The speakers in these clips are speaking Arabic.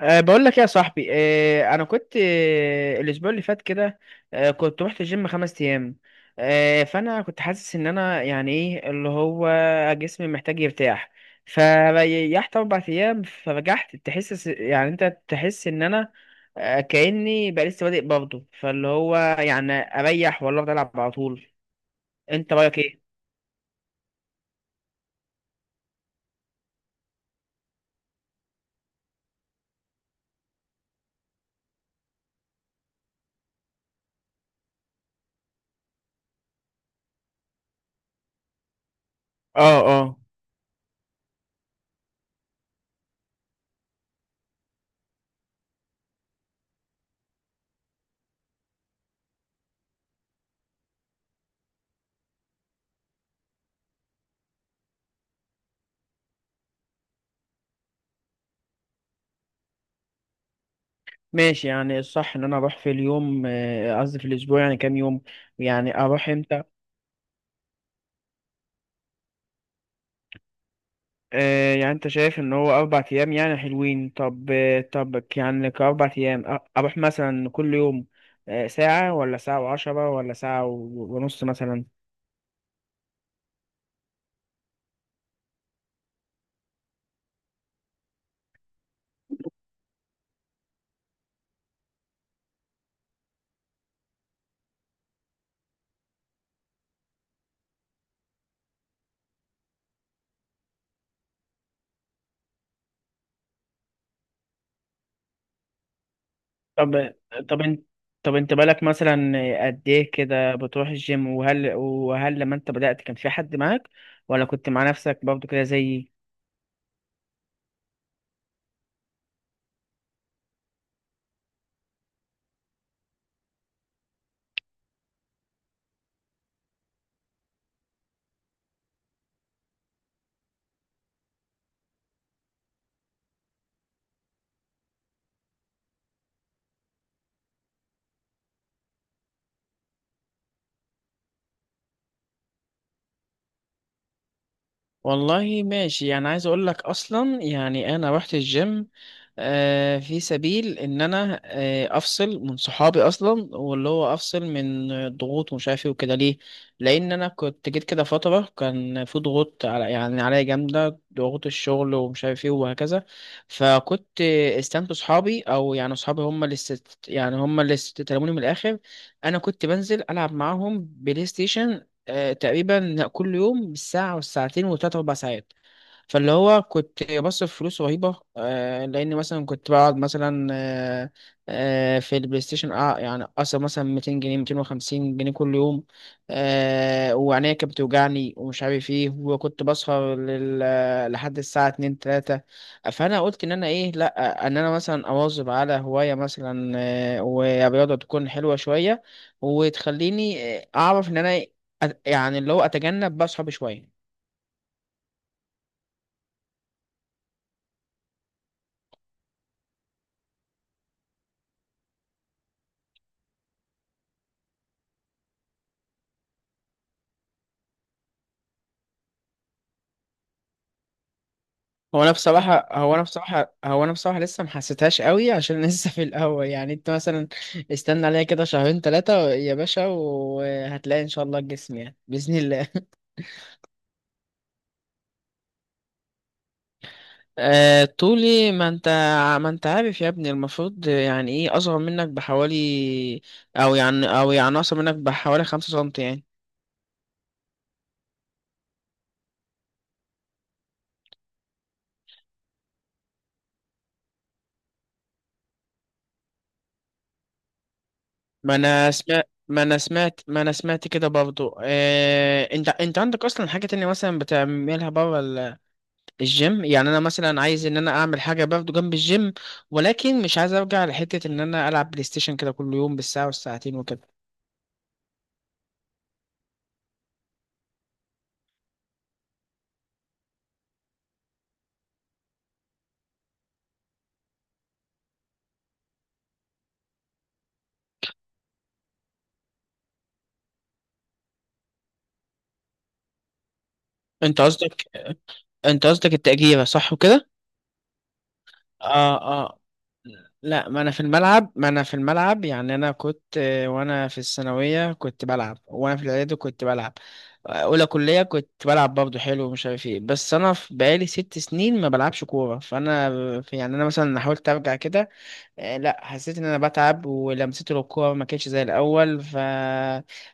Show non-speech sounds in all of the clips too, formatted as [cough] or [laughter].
بقول لك ايه يا صاحبي، انا كنت الاسبوع اللي فات كده. كنت رحت الجيم خمس ايام. فانا كنت حاسس ان انا يعني ايه اللي هو جسمي محتاج يرتاح. فريحت اربع ايام، فرجعت تحس، يعني انت تحس ان انا كاني بقى لسه بادئ برضه، فاللي هو يعني اريح ولا افضل العب على طول؟ انت رايك ايه؟ اه، اه. ماشي، يعني الصح ان انا اروح في اليوم قصدي في الاسبوع، يعني كام يوم؟ يعني اروح امتى؟ يعني انت شايف ان هو اربع ايام يعني حلوين. طب طب يعني كاربع ايام، اروح مثلا كل يوم ساعة، ولا ساعة وعشرة، ولا ساعة ونص مثلا؟ طب طب انت طب انت بالك مثلا قد ايه كده بتروح الجيم؟ وهل لما انت بدأت كان في حد معاك، ولا كنت مع نفسك برضه كده زيي؟ والله ماشي، يعني عايز اقول لك اصلا، يعني انا رحت الجيم في سبيل ان انا افصل من صحابي اصلا، واللي هو افصل من ضغوط ومش عارف ايه وكده، ليه؟ لان انا كنت جيت كده فتره كان في ضغوط يعني عليا جامده، ضغوط الشغل ومش عارف ايه وهكذا. فكنت استنت صحابي، او يعني صحابي هم اللي يعني هم اللي استلموني من الاخر. انا كنت بنزل العب معاهم بلاي ستيشن تقريبا كل يوم بالساعة والساعتين وتلات أربع ساعات. فاللي هو كنت بصرف فلوس رهيبة، لأن مثلا كنت بقعد مثلا في البلاي ستيشن، يعني أصرف مثلا 200 جنيه 250 جنيه كل يوم. وعينيا كانت بتوجعني ومش عارف إيه، وكنت بسهر لحد الساعة 2 3. فأنا قلت إن أنا إيه، لأ، إن أنا مثلا أواظب على هواية، مثلا ورياضة تكون حلوة شوية، وتخليني أعرف إن أنا يعني اللي هو أتجنب بقى صحابي شوية. هو انا بصراحه هو انا بصراحه هو انا بصراحه لسه ما حسيتهاش قوي عشان [laughs] لسه في الاول، يعني انت مثلا استنى عليا كده شهرين ثلاثه يا باشا، وهتلاقي ان شاء الله الجسم يعني باذن الله. طولي، ما انت عارف يا ابني، المفروض يعني ايه، اصغر منك بحوالي او يعني اصغر منك بحوالي خمسة سنتي يعني. ما انا سمعت ما انا سمعت ما انا سمعت كده برضو. انت عندك اصلا حاجه تانية مثلا بتعملها بره الجيم؟ يعني انا مثلا عايز ان انا اعمل حاجه برضه جنب الجيم، ولكن مش عايز ارجع لحته ان انا العب بلاي ستيشن كده كل يوم بالساعه والساعتين وكده. انت قصدك انت قصدك التأجيرة صح وكده؟ اه، اه. لا، ما انا في الملعب، يعني انا كنت وانا في الثانويه كنت بلعب، وانا في الاعدادي كنت بلعب. اولى كليه كنت بلعب برضه حلو ومش عارف ايه، بس انا بقالي ست سنين ما بلعبش كوره، فانا يعني انا مثلا حاولت ارجع كده لا حسيت ان انا بتعب ولمسته للكوره ما كانتش زي الاول،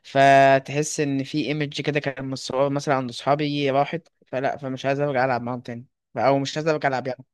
فتحس ان في ايمج كده كان متصور مثلا عند اصحابي راحت، فلا، فمش عايز ارجع العب معاهم تاني، او مش عايز ارجع العب يعني.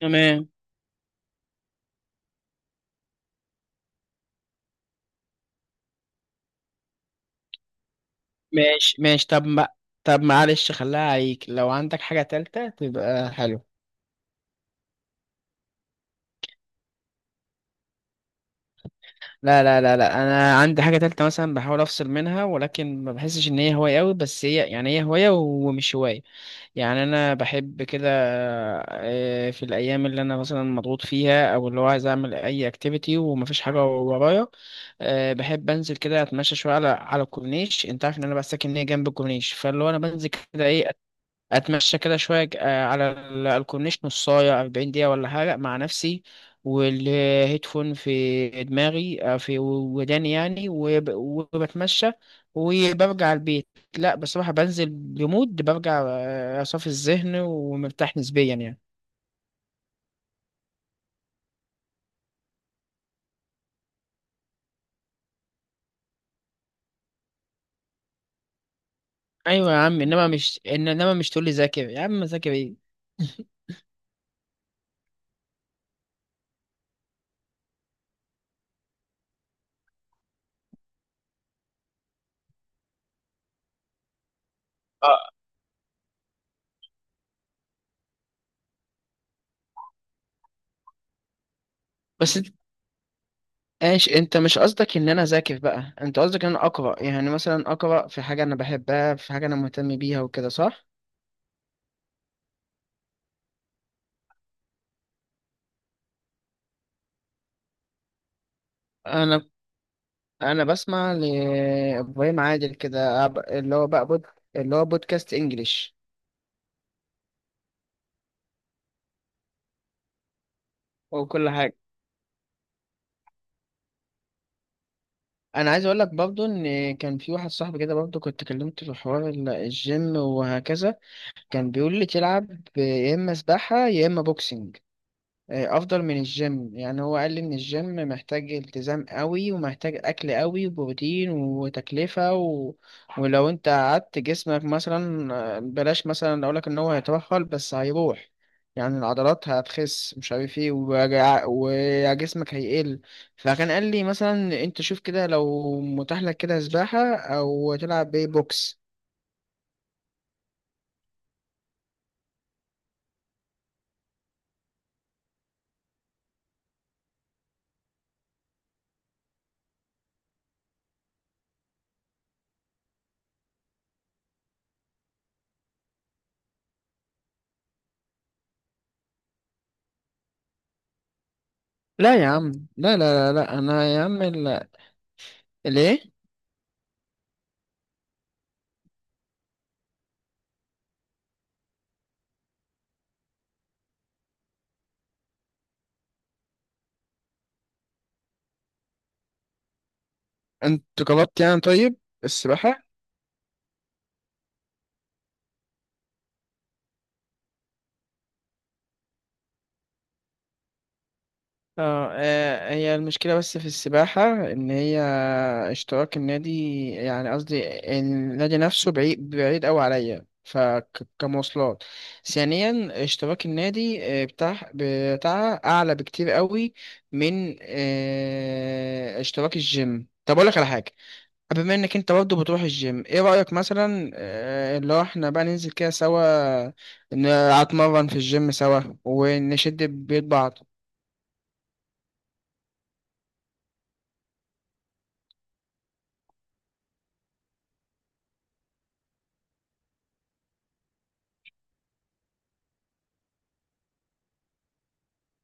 تمام. ماشي، طب ما طب معلش، خليها عليك لو عندك حاجه تالتة تبقى حلو. لا، لا، لا، لا، انا عندي حاجه تالتة مثلا بحاول افصل منها، ولكن ما بحسش ان هي هوايه قوي، بس هي يعني هي هوايه ومش هوايه. يعني انا بحب كده في الايام اللي انا مثلا مضغوط فيها، او اللي هو عايز اعمل اي اكتيفيتي ومفيش حاجه ورايا، بحب انزل كده اتمشى شويه على الكورنيش. انت عارف ان انا بقى ساكن هنا جنب الكورنيش، فاللي هو انا بنزل كده ايه، اتمشى كده شويه على الكورنيش نصايه 40 دقيقه ولا حاجه مع نفسي، والهيدفون في دماغي في وداني يعني، وبتمشى وبرجع البيت. لا بصراحه بنزل بمود، برجع صافي الذهن ومرتاح نسبيا يعني. ايوه يا عم، انما مش انما مش تقول لي ذاكر، يا عم ذاكر ايه؟ بس انت، ايش، انت مش قصدك ان انا اذاكر، بقى انت قصدك ان انا اقرا، يعني مثلا اقرا في حاجه انا بحبها، في حاجه انا مهتم بيها وكده صح؟ انا انا بسمع لابراهيم عادل كده اللي هو بقى اللي هو بودكاست انجليش وكل حاجه. انا عايز اقول لك برضو ان كان في واحد صاحبي كده برضو، كنت كلمته في حوار الجيم وهكذا. كان بيقول لي تلعب يا اما سباحه يا اما بوكسنج، افضل من الجيم. يعني هو قال لي ان الجيم محتاج التزام قوي ومحتاج اكل قوي وبروتين وتكلفة و... ولو انت قعدت جسمك مثلا بلاش مثلا اقولك ان هو هيترهل، بس هيروح يعني العضلات هتخس مش عارف ايه، وجسمك هيقل. فكان قال لي مثلا انت شوف كده لو متاح لك كده سباحة او تلعب بيه بوكس. لا يا عم، لا، لا، لا، لا. انا يا عم ليه؟ انت جربت يعني، طيب، السباحة؟ اه، هي المشكلة بس في السباحة ان هي اشتراك النادي، يعني قصدي النادي نفسه بعيد بعيد اوي عليا، فكمواصلات ثانيا اشتراك النادي بتاعها اعلى بكتير قوي من اشتراك الجيم. طب اقول لك على حاجة، بما انك انت برضه بتروح الجيم، ايه رأيك مثلا لو احنا بقى ننزل كده سوا، نتمرن في الجيم سوا ونشد بيد بعض.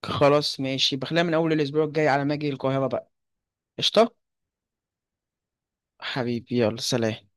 خلاص ماشي، بخليها من اول الاسبوع الجاي على ما اجي القاهرة بقى. قشطة. حبيبي، يلا سلام.